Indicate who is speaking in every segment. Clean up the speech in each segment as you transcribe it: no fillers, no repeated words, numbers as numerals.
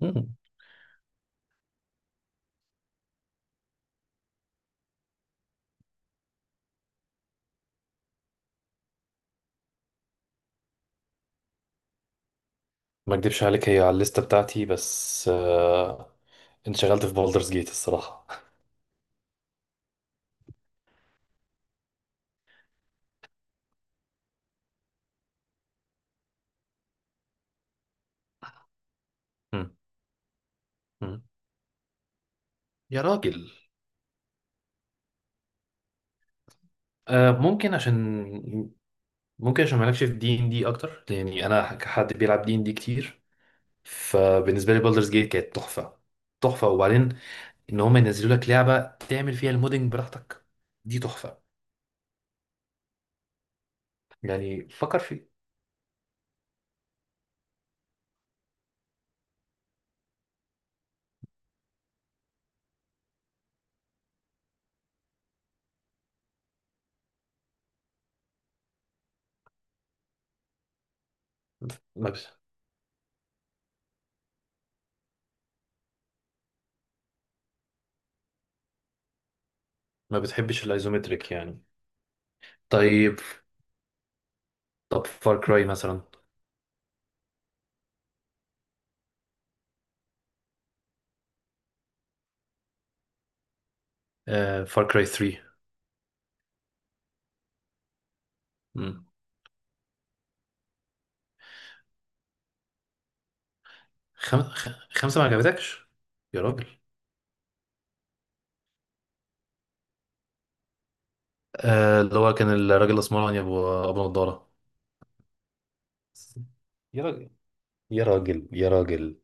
Speaker 1: مم. ما اكدبش عليك، هي على الليسته بتاعتي بس انشغلت في بولدرز جيت الصراحه. مم. مم. يا راجل. ممكن عشان، ممكن عشان مالكش في دي ان دي اكتر، يعني انا كحد بيلعب دي ان دي كتير، فبالنسبه لي بولدرز جيت كانت تحفه. تحفه. وبعدين ان هم ينزلوا لك لعبه تعمل فيها المودنج براحتك، دي تحفه. يعني فكر في. ما, بت... ما بتحبش الايزومتريك يعني؟ طيب. طب فار كراي مثلا؟ فار كراي 3. 5 ما عجبتكش؟ يا راجل. اللي هو كان الراجل الاسمراني ابو نضاره. يا راجل، يا راجل، يا راجل.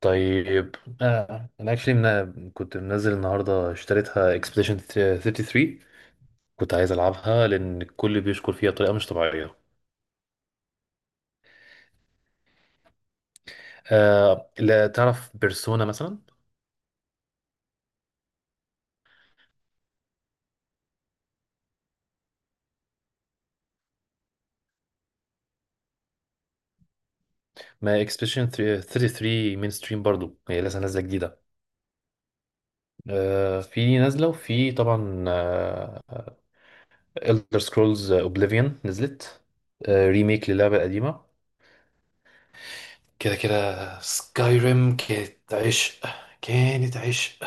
Speaker 1: طيب. انا اكشلي كنت منزل النهارده اشتريتها اكسبediشن 33، كنت عايز العبها لان الكل بيشكر فيها بطريقه مش طبيعيه. لا تعرف بيرسونا مثلا؟ ما اكسبediشن 33 مين ستريم برضو، هي لسه نازله جديده. في نازله وفي طبعا Elder Scrolls Oblivion نزلت، ريميك للعبة القديمة. كده كده سكايريم كانت عشق، كانت عشق.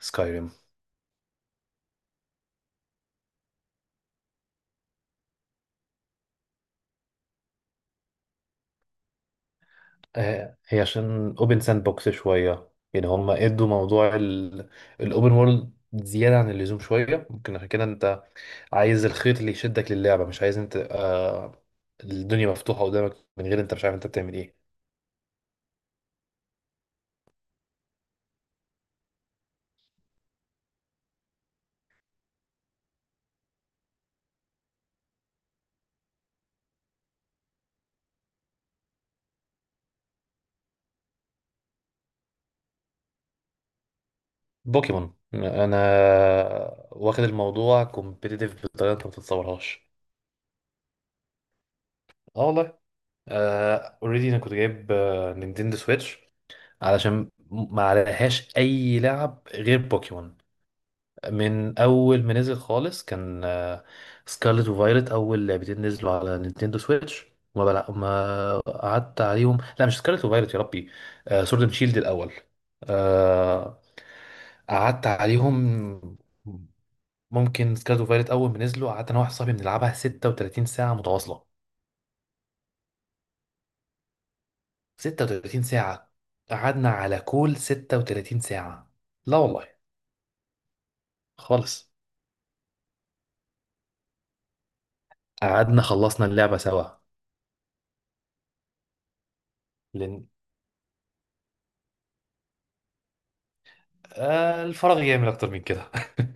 Speaker 1: سكايريم. هي عشان اوبن ساند بوكس شوية، يعني هم ادوا موضوع الاوبن وورلد زيادة عن اللزوم شوية، ممكن عشان كده انت عايز الخيط اللي يشدك للعبة، مش عايز انت الدنيا مفتوحة قدامك من غير انت مش عارف انت بتعمل ايه. بوكيمون. انا واخد الموضوع كومبيتيتيف بطريقة انت ما تتصورهاش. اه والله. اوريدي انا كنت جايب نينتندو سويتش علشان ما عليهاش اي لعب غير بوكيمون. من اول ما نزل خالص، كان سكارلت وفايلت اول لعبتين نزلوا على نينتندو سويتش. ما قعدت عليهم. لا، مش سكارلت وفايلت يا ربي، سورد اند شيلد الاول. آه، قعدت عليهم. ممكن سكارلت وفايلت اول ما نزلوا قعدت انا واحد صاحبي بنلعبها 36 ساعه متواصله. 36 ساعة، قعدنا على كول 36 ساعة. لا والله، خالص. قعدنا خلصنا اللعبة سوا. لأن الفراغ يعمل أكتر من كده.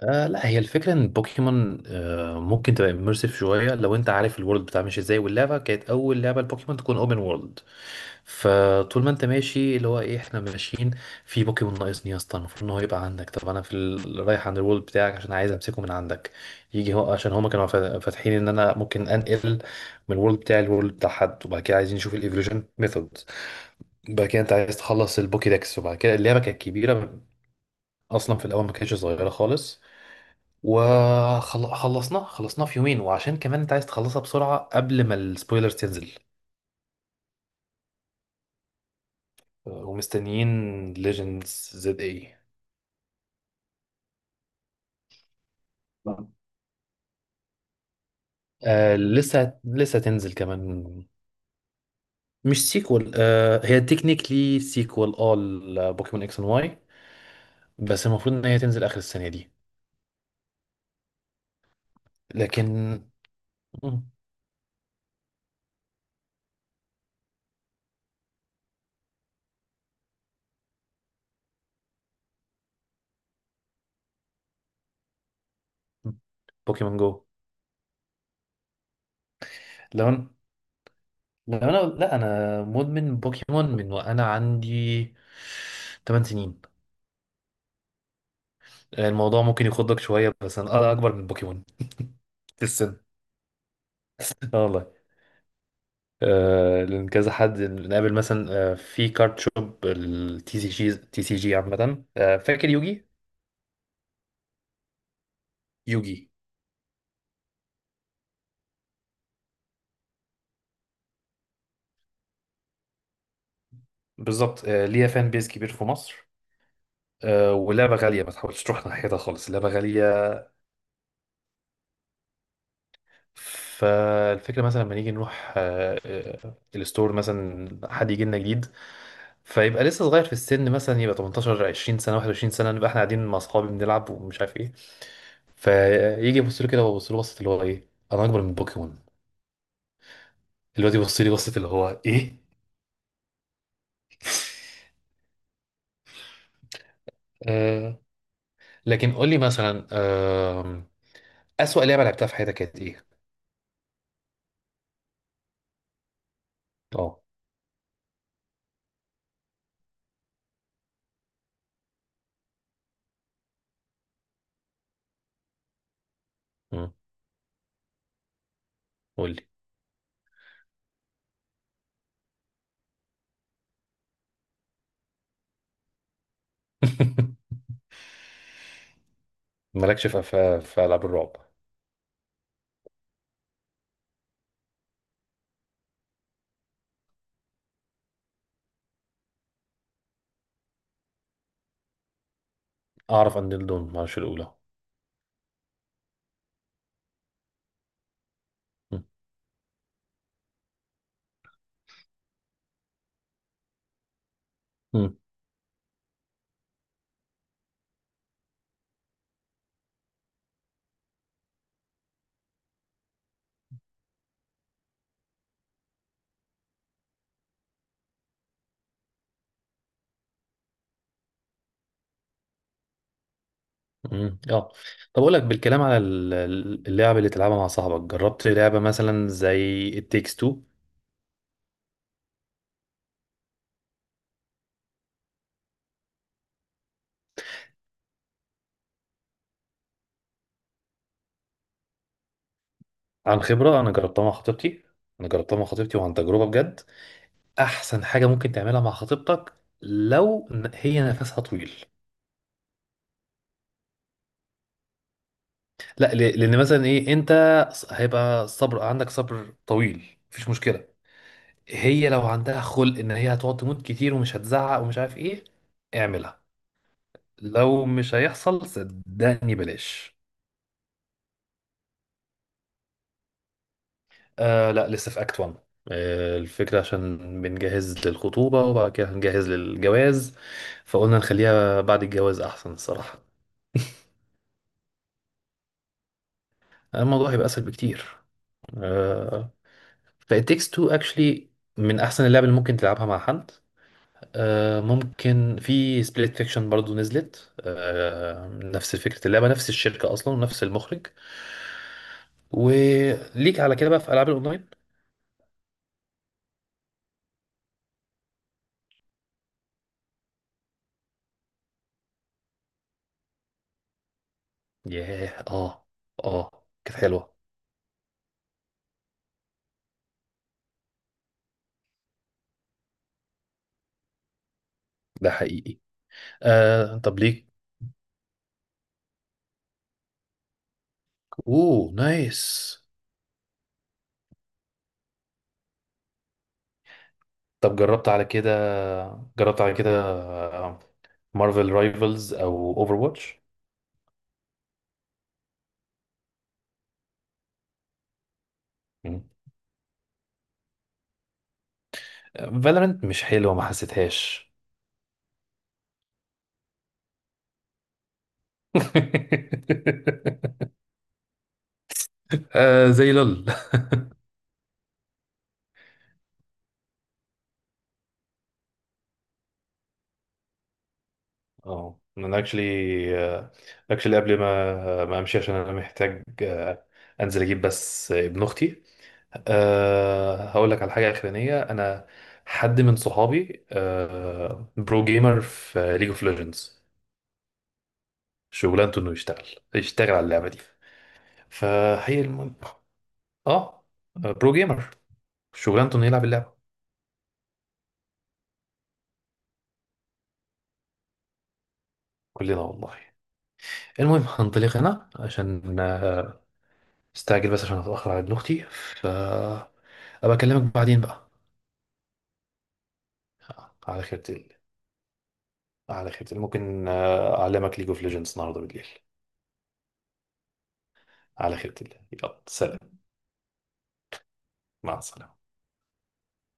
Speaker 1: لا، هي الفكرة ان بوكيمون ممكن تبقى اميرسيف شوية لو انت عارف الورلد بتاع ماشي ازاي، واللعبة كانت اول لعبة لبوكيمون تكون اوبن وورلد. فطول ما انت ماشي، اللي هو ايه، احنا ماشيين في بوكيمون، ناقصني يا اسطى. المفروض ان هو يبقى عندك، طب انا في رايح عند الورلد بتاعك عشان عايز امسكه من عندك، يجي هو. عشان هما كانوا فاتحين ان انا ممكن انقل من الورلد بتاعي للورلد بتاع حد، وبعد كده عايزين نشوف الايفولوشن ميثود. بعد كده انت عايز تخلص البوكيدكس. وبعد كده اللعبة كانت كبيرة اصلا، في الاول ما كانتش صغيرة خالص. وخلصناه خلصناه في يومين، وعشان كمان انت عايز تخلصها بسرعة قبل ما السبويلرز تنزل. ومستنيين ليجندز زد اي. لسه لسه تنزل كمان. مش سيكوال، هي تكنيكلي سيكوال اه لبوكيمون اكس اند واي، بس المفروض ان هي تنزل اخر السنة دي. لكن. مم. بوكيمون جو. لو انا لو انا لا، انا مدمن بوكيمون من وانا عندي 8 سنين. الموضوع ممكن يخضك شوية، بس أنا أكبر من بوكيمون في السن. اه والله. لأن كذا حد نقابل مثلا في كارت شوب التي سي جي، تي سي جي عامة. فاكر يوجي؟ يوجي. بالظبط. ليها فان بيز كبير في مصر. ولعبة غالية، ما تحاولش تروح ناحيتها خالص، لعبة غالية. فالفكرة مثلا لما نيجي نروح الستور، مثلا حد يجي لنا جديد، فيبقى لسه صغير في السن، مثلا يبقى 18 20 سنة 21 سنة، نبقى احنا قاعدين مع أصحابي بنلعب ومش عارف ايه، فيجي يبص له كده، ويبص له بصة اللي هو ايه، انا اكبر من بوكيمون؟ الواد يبص لي بصة اللي هو ايه. آه. لكن قول لي مثلا اسوأ لعبة لعبتها في حياتك كانت ايه؟ اه. مم، قول لي. مالكش في العاب الرعب؟ اعرف ان دون، معرفش الاولى. مم، مم، مم، اه. طب اقول لك، بالكلام على اللعب اللي تلعبها مع صاحبك، جربت لعبة مثلا زي التكس 2؟ عن خبرة أنا جربتها مع خطيبتي. أنا جربتها مع خطيبتي وعن تجربة، بجد أحسن حاجة ممكن تعملها مع خطيبتك، لو هي نفسها طويل. لا، لأن مثلا إيه، أنت هيبقى صبر، عندك صبر طويل، مفيش مشكلة. هي لو عندها خلق إن هي هتقعد تموت كتير ومش هتزعق ومش عارف إيه، اعملها. لو مش هيحصل صدقني بلاش. لا، لسه في اكت 1. الفكرة عشان بنجهز للخطوبة وبعد كده هنجهز للجواز، فقلنا نخليها بعد الجواز احسن الصراحة. الموضوع هيبقى اسهل بكتير. آه ف It Takes Two actually من احسن اللعب اللي ممكن تلعبها مع حد. ممكن في سبليت فيكشن برضو نزلت، نفس فكرة اللعبة، نفس الشركة اصلا ونفس المخرج. وليك على كده بقى في العاب الاونلاين. ياه اه. اه كانت حلوة، ده حقيقي. طب ليك؟ اوه نايس. طب جربت على كده، جربت على كده مارفل رايفلز او اوفر واتش؟ فالورنت مش حلوه، ما حسيتهاش. زي لول. اه انا اكشلي، اكشلي قبل ما امشي، عشان انا محتاج انزل اجيب بس ابن اختي. أه، هقول لك على حاجه اخرانيه انا. حد من صحابي أه برو جيمر في ليج اوف ليجندز، شغلانته انه يشتغل، يشتغل على اللعبه دي. فهي الم... اه، برو جيمر، شغلانته انه يلعب اللعبه. كلنا والله. المهم هنطلق هنا عشان استعجل بس عشان اتاخر على ابن اختي، ف ابقى اكلمك بعدين بقى. على خيرة الله. على خيرة الله، ممكن اعلمك ليج اوف ليجندز النهارده بالليل. على خيرة الله، يلا سلام. مع السلامه.